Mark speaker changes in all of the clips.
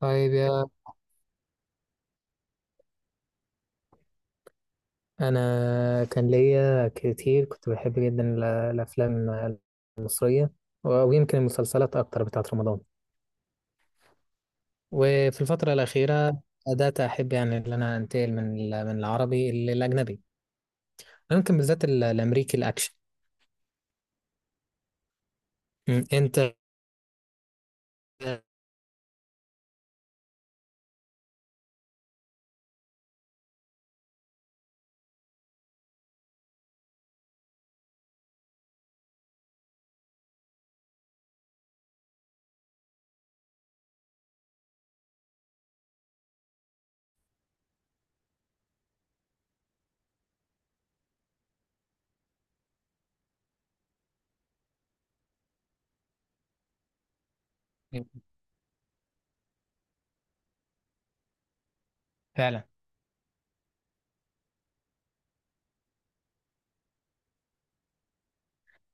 Speaker 1: طيب يا أنا كان ليا كتير، كنت بحب جدا الأفلام المصرية ويمكن المسلسلات أكتر بتاعة رمضان. وفي الفترة الأخيرة بدأت أحب، يعني، إن أنا أنتقل من من العربي للأجنبي، ممكن بالذات الأمريكي الأكشن. أنت؟ فعلا،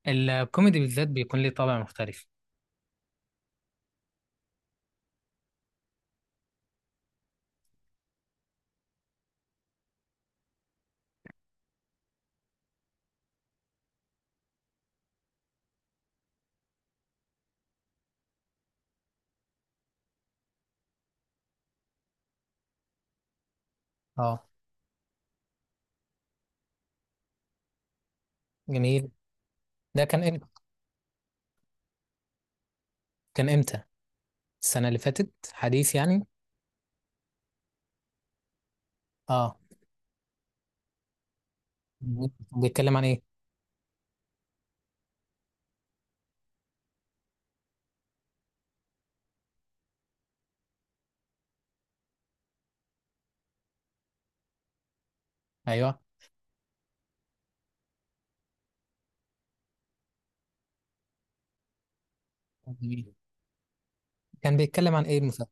Speaker 1: الكوميدي بالذات بيكون ليه طابع مختلف. اه جميل، ده كان إمتى؟ كان إمتى؟ السنة اللي فاتت، حديث يعني. اه بيتكلم عن إيه؟ أيوه جميل. كان بيتكلم عن إيه المسلسل؟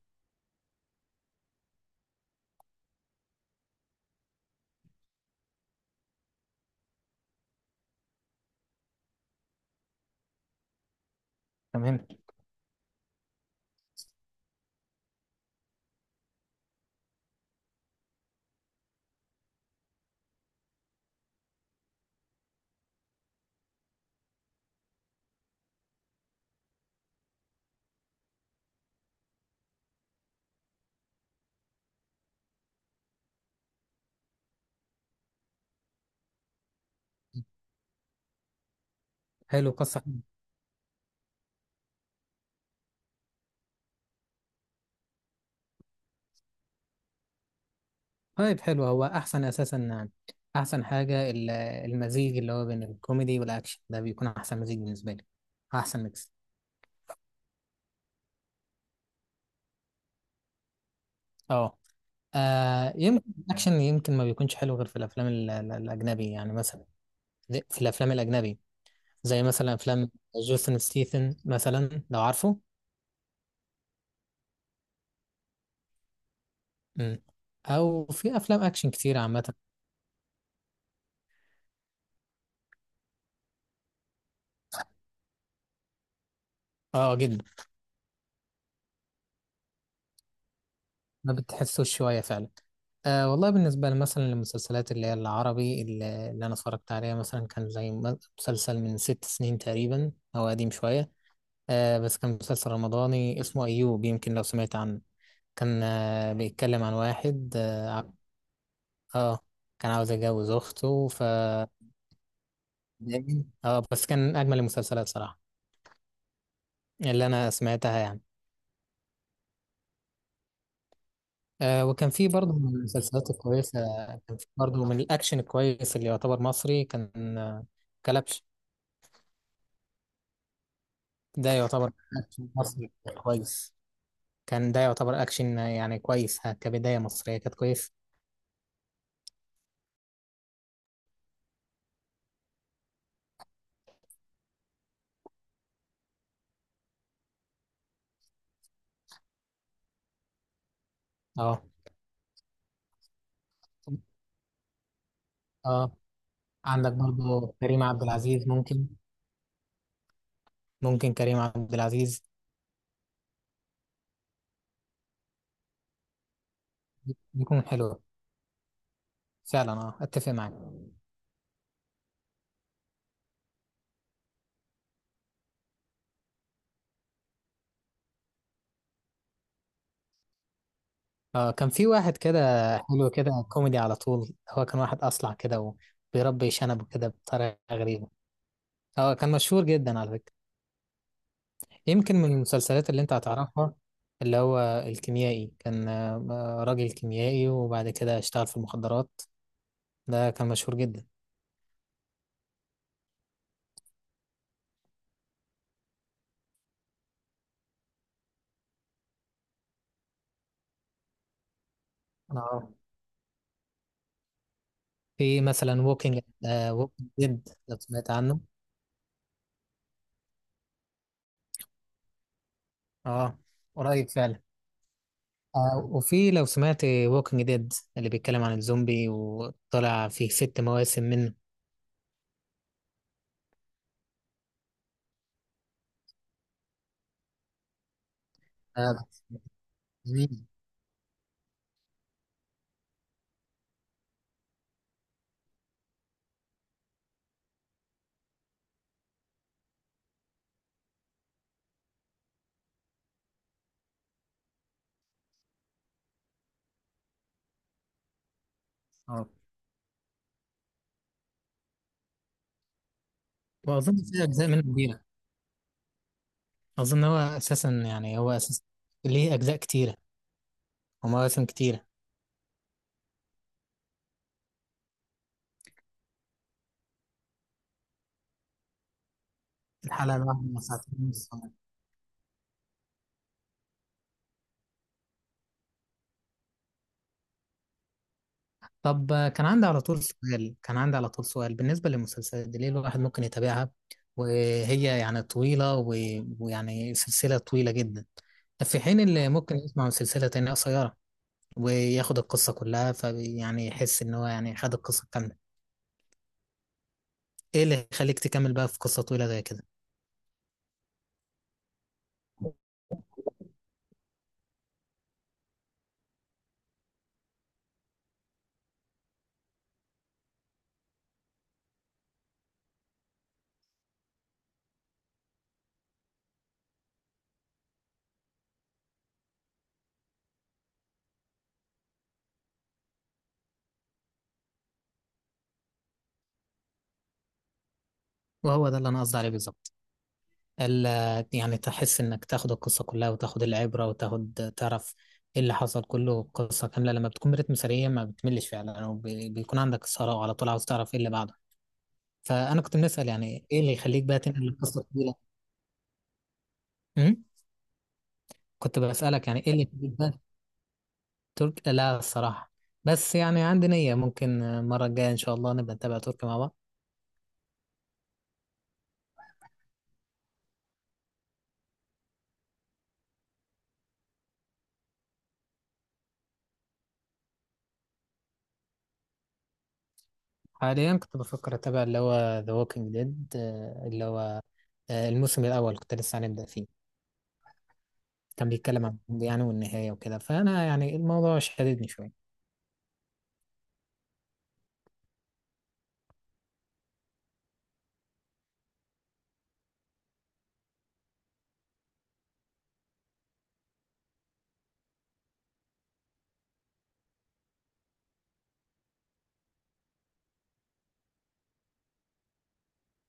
Speaker 1: تمام. حلو، قصة حلوة. طيب حلو، هو أحسن أساسا يعني، أحسن حاجة المزيج اللي هو بين الكوميدي والأكشن ده بيكون أحسن مزيج بالنسبة لي، أحسن ميكس. أه يمكن الأكشن يمكن ما بيكونش حلو غير في الأفلام الأجنبي يعني، مثلا في الأفلام الأجنبي زي مثلا أفلام جوسن ستيثن مثلا، لو عارفه. مم. أو في أفلام أكشن كتير عامة. أه جدا، ما بتحسوش شوية فعلا. أه والله بالنسبة لي مثلا للمسلسلات اللي هي العربي اللي أنا اتفرجت عليها مثلا كان زي مسلسل من 6 سنين تقريبا أو قديم شوية. أه بس كان مسلسل رمضاني اسمه أيوب، يمكن لو سمعت عنه. كان أه بيتكلم عن واحد اه آه، كان عاوز يتجوز أخته ف اه بس كان أجمل المسلسلات صراحة اللي أنا سمعتها يعني. أه وكان في برضه من المسلسلات الكويسة، كان في برضه من الأكشن الكويس اللي يعتبر مصري كان كلبش. ده يعتبر أكشن مصري كويس، كان ده يعتبر أكشن يعني كويس ها، كبداية مصرية كانت كويس. اه اه عندك برضو كريم عبد العزيز ممكن، ممكن كريم عبد العزيز يكون حلو. فعلا اه اتفق معاك. اه كان في واحد كده حلو كده، كوميدي على طول، هو كان واحد اصلع كده وبيربي شنب كده بطريقة غريبة. اه كان مشهور جدا على فكرة، يمكن من المسلسلات اللي انت هتعرفها اللي هو الكيميائي، كان راجل كيميائي وبعد كده اشتغل في المخدرات. ده كان مشهور جدا. اه في مثلا ووكينج ديد لو سمعت عنه. اه قريب فعلا. آه وفي لو سمعت ووكينج ديد اللي بيتكلم عن الزومبي وطلع فيه 6 مواسم منه. آه جميل. اه واظن في اجزاء منه كبيره. اظن هو اساسا، ليه اجزاء كتيره ومواسم كتيره. الحلقه الواحده ساعتين ونص. طب كان عندي على طول سؤال بالنسبة للمسلسلات دي، ليه الواحد ممكن يتابعها وهي يعني طويلة ويعني سلسلة طويلة جدا، في حين اللي ممكن يسمع سلسلة تانية قصيرة وياخد القصة كلها، فيعني يحس إن هو يعني خد القصة كاملة. إيه اللي يخليك تكمل بقى في قصة طويلة زي كده؟ وهو ده اللي أنا قصدي عليه بالظبط، يعني تحس انك تاخد القصة كلها وتاخد العبرة وتاخد تعرف ايه اللي حصل، كله قصة كاملة لما بتكون برتم سريع ما بتملش فعلا، وبيكون عندك إثارة وعلى طول عاوز تعرف ايه اللي بعده. فأنا كنت بنسأل يعني ايه اللي يخليك بقى تنقل القصة طويلة. أمم؟ كنت بسألك يعني ايه اللي يخليك بقى. ترك لا الصراحة، بس يعني عندي نية ممكن المرة الجاية إن شاء الله نبقى نتابع تركي مع بعض. حاليا كنت بفكر أتابع اللي هو The Walking Dead، اللي هو الموسم الأول كنت لسه هنبدأ فيه. كان بيتكلم عن الماضي يعني والنهاية وكده، فأنا يعني الموضوع شددني شوية.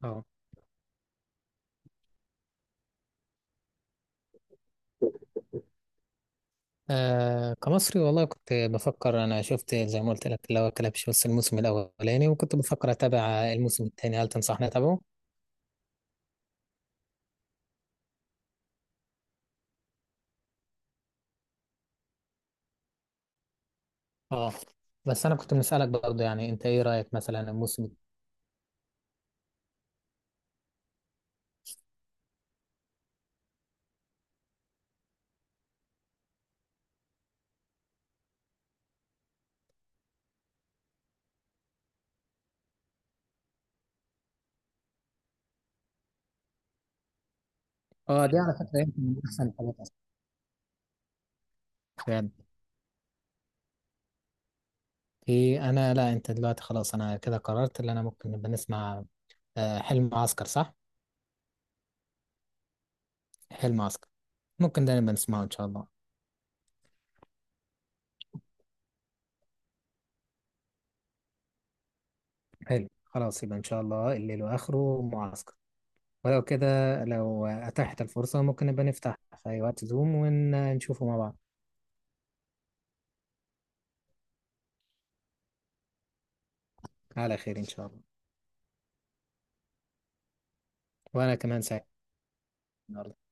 Speaker 1: اه كمصري والله كنت بفكر، أنا شفت زي ما قلت لك اللي هو كلبش بس الموسم الأولاني، وكنت بفكر أتابع الموسم التاني، هل تنصحني أتابعه؟ اه بس أنا كنت مسألك برضه يعني أنت إيه رأيك مثلا الموسم. اه دي على فكرة يمكن من أحسن الحاجات أصلا. بجد. في أنا لا، أنت دلوقتي خلاص، أنا كده قررت إن أنا ممكن نبقى نسمع حلم عسكر صح؟ حلم عسكر ممكن ده نبقى نسمعه إن شاء الله. حلو خلاص يبقى إن شاء الله الليل وآخره معسكر، ولو كده لو أتاحت الفرصة ممكن نبقى نفتح في أي وقت زوم ونشوفه مع بعض. على خير إن شاء الله، وأنا كمان سعيد النهاردة.